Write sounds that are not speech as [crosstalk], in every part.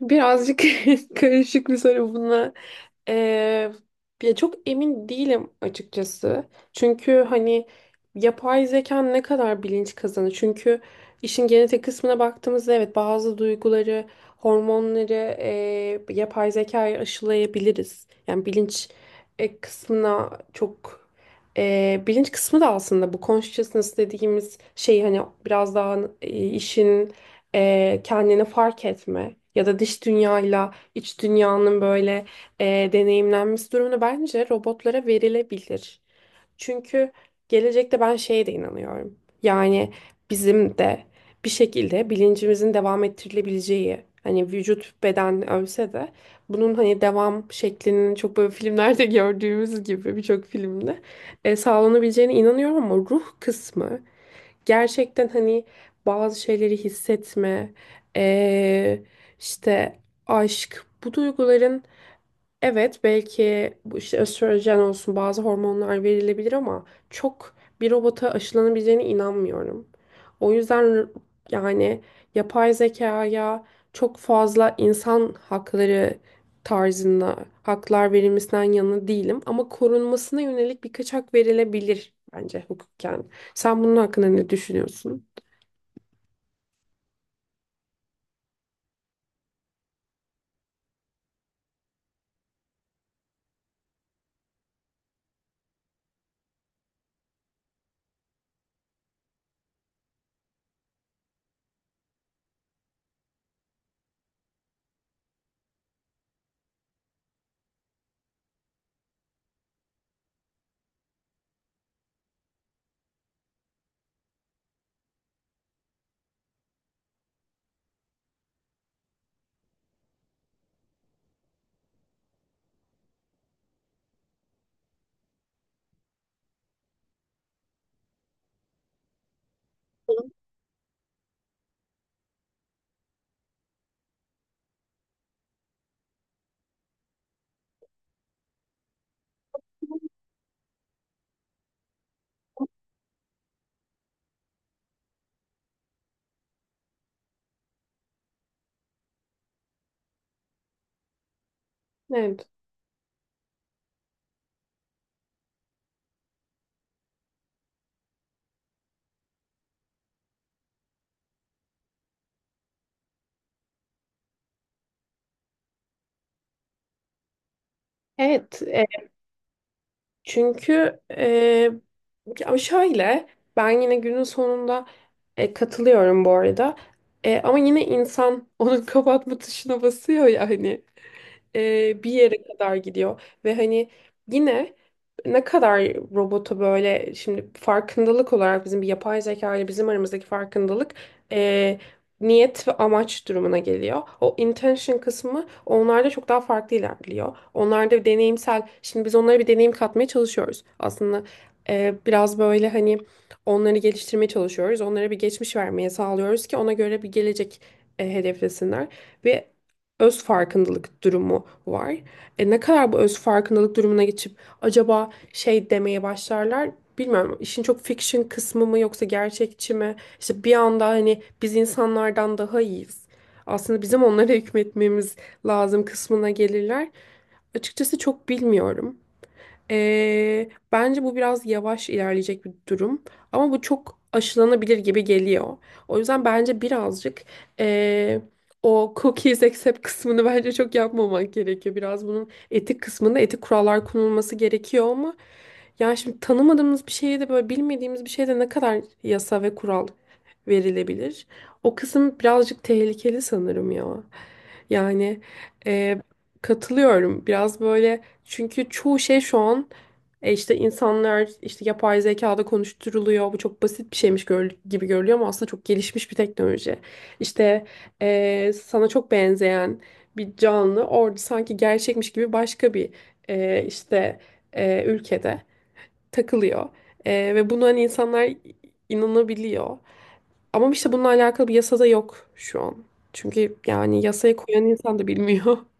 Birazcık [laughs] karışık bir soru buna. Ee, Ya çok emin değilim açıkçası. Çünkü hani yapay zeka ne kadar bilinç kazanır? Çünkü işin genetik kısmına baktığımızda evet bazı duyguları, hormonları yapay zekaya aşılayabiliriz. Yani bilinç e, kısmına çok e, Bilinç kısmı da aslında bu consciousness dediğimiz şey hani biraz daha kendini fark etme ya da dış dünyayla iç dünyanın böyle e, deneyimlenmesi durumunu bence robotlara verilebilir. Çünkü gelecekte ben şeye de inanıyorum. Yani bizim de bir şekilde bilincimizin devam ettirilebileceği hani vücut beden ölse de bunun hani devam şeklinin çok böyle filmlerde [laughs] gördüğümüz gibi birçok filmde sağlanabileceğine inanıyorum ama ruh kısmı gerçekten hani bazı şeyleri hissetme, eee, işte aşk bu duyguların evet belki bu işte östrojen olsun bazı hormonlar verilebilir ama çok bir robota aşılanabileceğine inanmıyorum. O yüzden yani yapay zekaya çok fazla insan hakları tarzında haklar verilmesinden yana değilim ama korunmasına yönelik birkaç hak verilebilir bence hukuken. Sen bunun hakkında ne düşünüyorsun? Evet. Evet, çünkü e, ama şöyle, ben yine günün sonunda katılıyorum bu arada. E, ama yine insan onun [laughs] kapatma tuşuna basıyor ya hani, bir yere kadar gidiyor. Ve hani yine ne kadar robotu böyle şimdi farkındalık olarak bizim bir yapay zeka ile bizim aramızdaki farkındalık e, niyet ve amaç durumuna geliyor. O intention kısmı onlarda çok daha farklı ilerliyor. Onlarda deneyimsel, şimdi biz onlara bir deneyim katmaya çalışıyoruz. Aslında biraz böyle hani onları geliştirmeye çalışıyoruz. Onlara bir geçmiş vermeye sağlıyoruz ki ona göre bir gelecek hedeflesinler. Ve öz farkındalık durumu var. E, ne kadar bu öz farkındalık durumuna geçip acaba şey demeye başlarlar bilmiyorum. İşin çok fiction kısmı mı yoksa gerçekçi mi? İşte bir anda hani biz insanlardan daha iyiyiz. Aslında bizim onlara [laughs] hükmetmemiz lazım kısmına gelirler. Açıkçası çok bilmiyorum. Bence bu biraz yavaş ilerleyecek bir durum ama bu çok aşılanabilir gibi geliyor. O yüzden bence birazcık ee, o cookies accept kısmını bence çok yapmamak gerekiyor. Biraz bunun etik kısmında etik kurallar konulması gerekiyor ama yani şimdi tanımadığımız bir şeye de böyle bilmediğimiz bir şeye de ne kadar yasa ve kural verilebilir? O kısım birazcık tehlikeli sanırım ya. Yani e, katılıyorum. Biraz böyle, çünkü çoğu şey şu an işte insanlar işte yapay zekada konuşturuluyor. Bu çok basit bir şeymiş gibi görülüyor ama aslında çok gelişmiş bir teknoloji. İşte sana çok benzeyen bir canlı orada sanki gerçekmiş gibi başka bir e, işte ülkede takılıyor. E, ve buna hani insanlar inanabiliyor. Ama işte bununla alakalı bir yasada yok şu an. Çünkü yani yasaya koyan insan da bilmiyor. [laughs]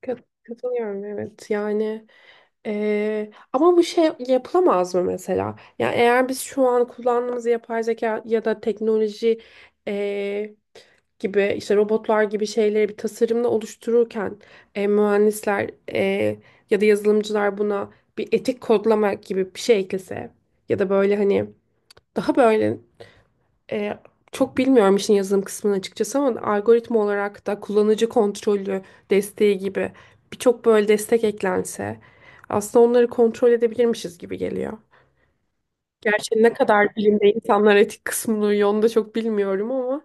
Katılıyorum evet yani ama bu şey yapılamaz mı mesela? Yani eğer biz şu an kullandığımız yapay zeka ya da teknoloji eee, gibi işte robotlar gibi şeyleri bir tasarımla oluştururken mühendisler ya da yazılımcılar buna bir etik kodlama gibi bir şey eklese ya da böyle hani daha böyle, E, çok bilmiyorum işin yazılım kısmını açıkçası ama algoritma olarak da kullanıcı kontrolü desteği gibi birçok böyle destek eklense aslında onları kontrol edebilirmişiz gibi geliyor. Gerçi ne kadar bilimde insanlar etik kısmını uyuyor onu da çok bilmiyorum ama.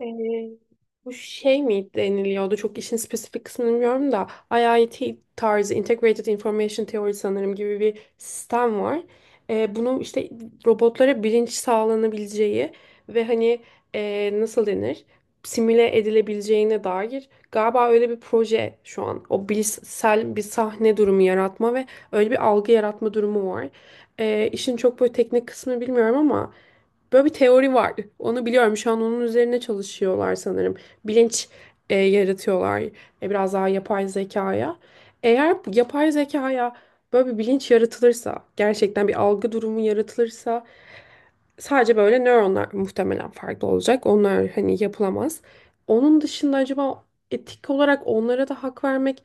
Ee, Bu şey mi deniliyordu? Çok işin spesifik kısmını bilmiyorum da IIT tarzı Integrated Information Theory sanırım gibi bir sistem var. Bunu işte robotlara bilinç sağlanabileceği ve hani nasıl denir? Simüle edilebileceğine dair galiba öyle bir proje şu an. O bilişsel bir sahne durumu yaratma ve öyle bir algı yaratma durumu var. İşin çok böyle teknik kısmını bilmiyorum ama böyle bir teori var. Onu biliyorum. Şu an onun üzerine çalışıyorlar sanırım. Bilinç yaratıyorlar. E, biraz daha yapay zekaya. Eğer bu yapay zekaya böyle bir bilinç yaratılırsa, gerçekten bir algı durumu yaratılırsa sadece böyle nöronlar muhtemelen farklı olacak. Onlar hani yapılamaz. Onun dışında acaba etik olarak onlara da hak vermek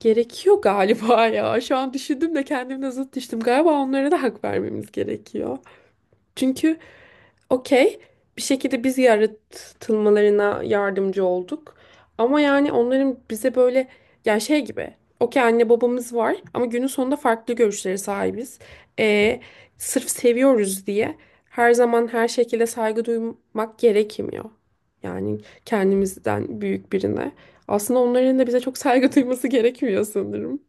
gerekiyor galiba ya. Şu an düşündüm de kendimle zıt düştüm. Galiba onlara da hak vermemiz gerekiyor. Çünkü okey, bir şekilde biz yaratılmalarına yardımcı olduk. Ama yani onların bize böyle, yani şey gibi. Okey, anne babamız var ama günün sonunda farklı görüşlere sahibiz. Ee, Sırf seviyoruz diye her zaman her şekilde saygı duymak gerekmiyor. Yani kendimizden büyük birine. Aslında onların da bize çok saygı [laughs] duyması gerekmiyor sanırım.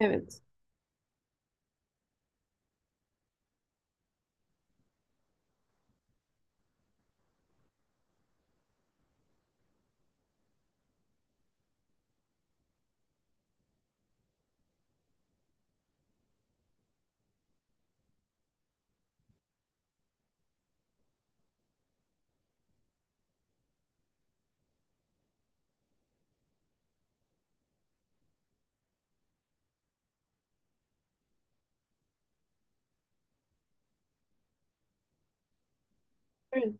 Evet. Evet.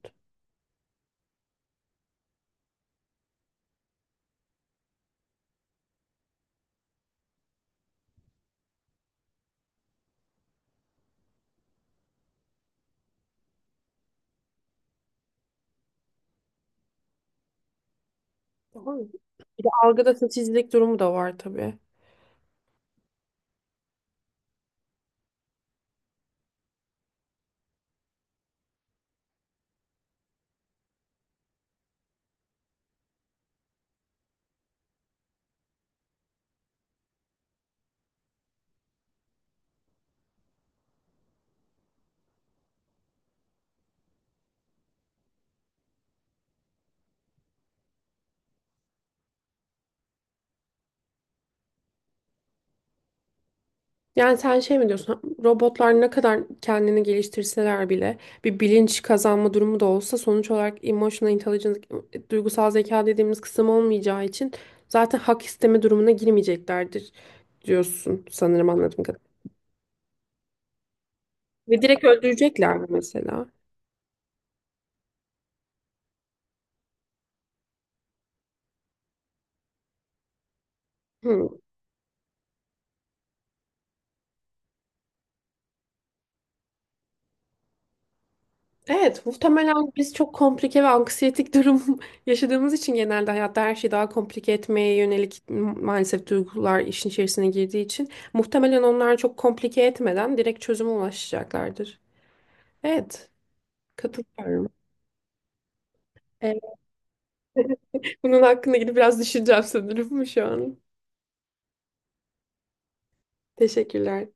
Doğru. Bir de algıda seçicilik durumu da var tabii. Yani sen şey mi diyorsun? Robotlar ne kadar kendini geliştirseler bile bir bilinç kazanma durumu da olsa sonuç olarak emotional intelligence, duygusal zeka dediğimiz kısım olmayacağı için zaten hak isteme durumuna girmeyeceklerdir diyorsun sanırım anladığım kadarıyla. Ve direkt öldürecekler mi mesela? Hı. Evet, muhtemelen biz çok komplike ve anksiyetik durum [laughs] yaşadığımız için genelde hayatta her şeyi daha komplike etmeye yönelik maalesef duygular işin içerisine girdiği için muhtemelen onlar çok komplike etmeden direkt çözüme ulaşacaklardır. Evet, katılıyorum. Evet, bunun hakkında gidip biraz düşüneceğim sanırım şu an. Teşekkürler.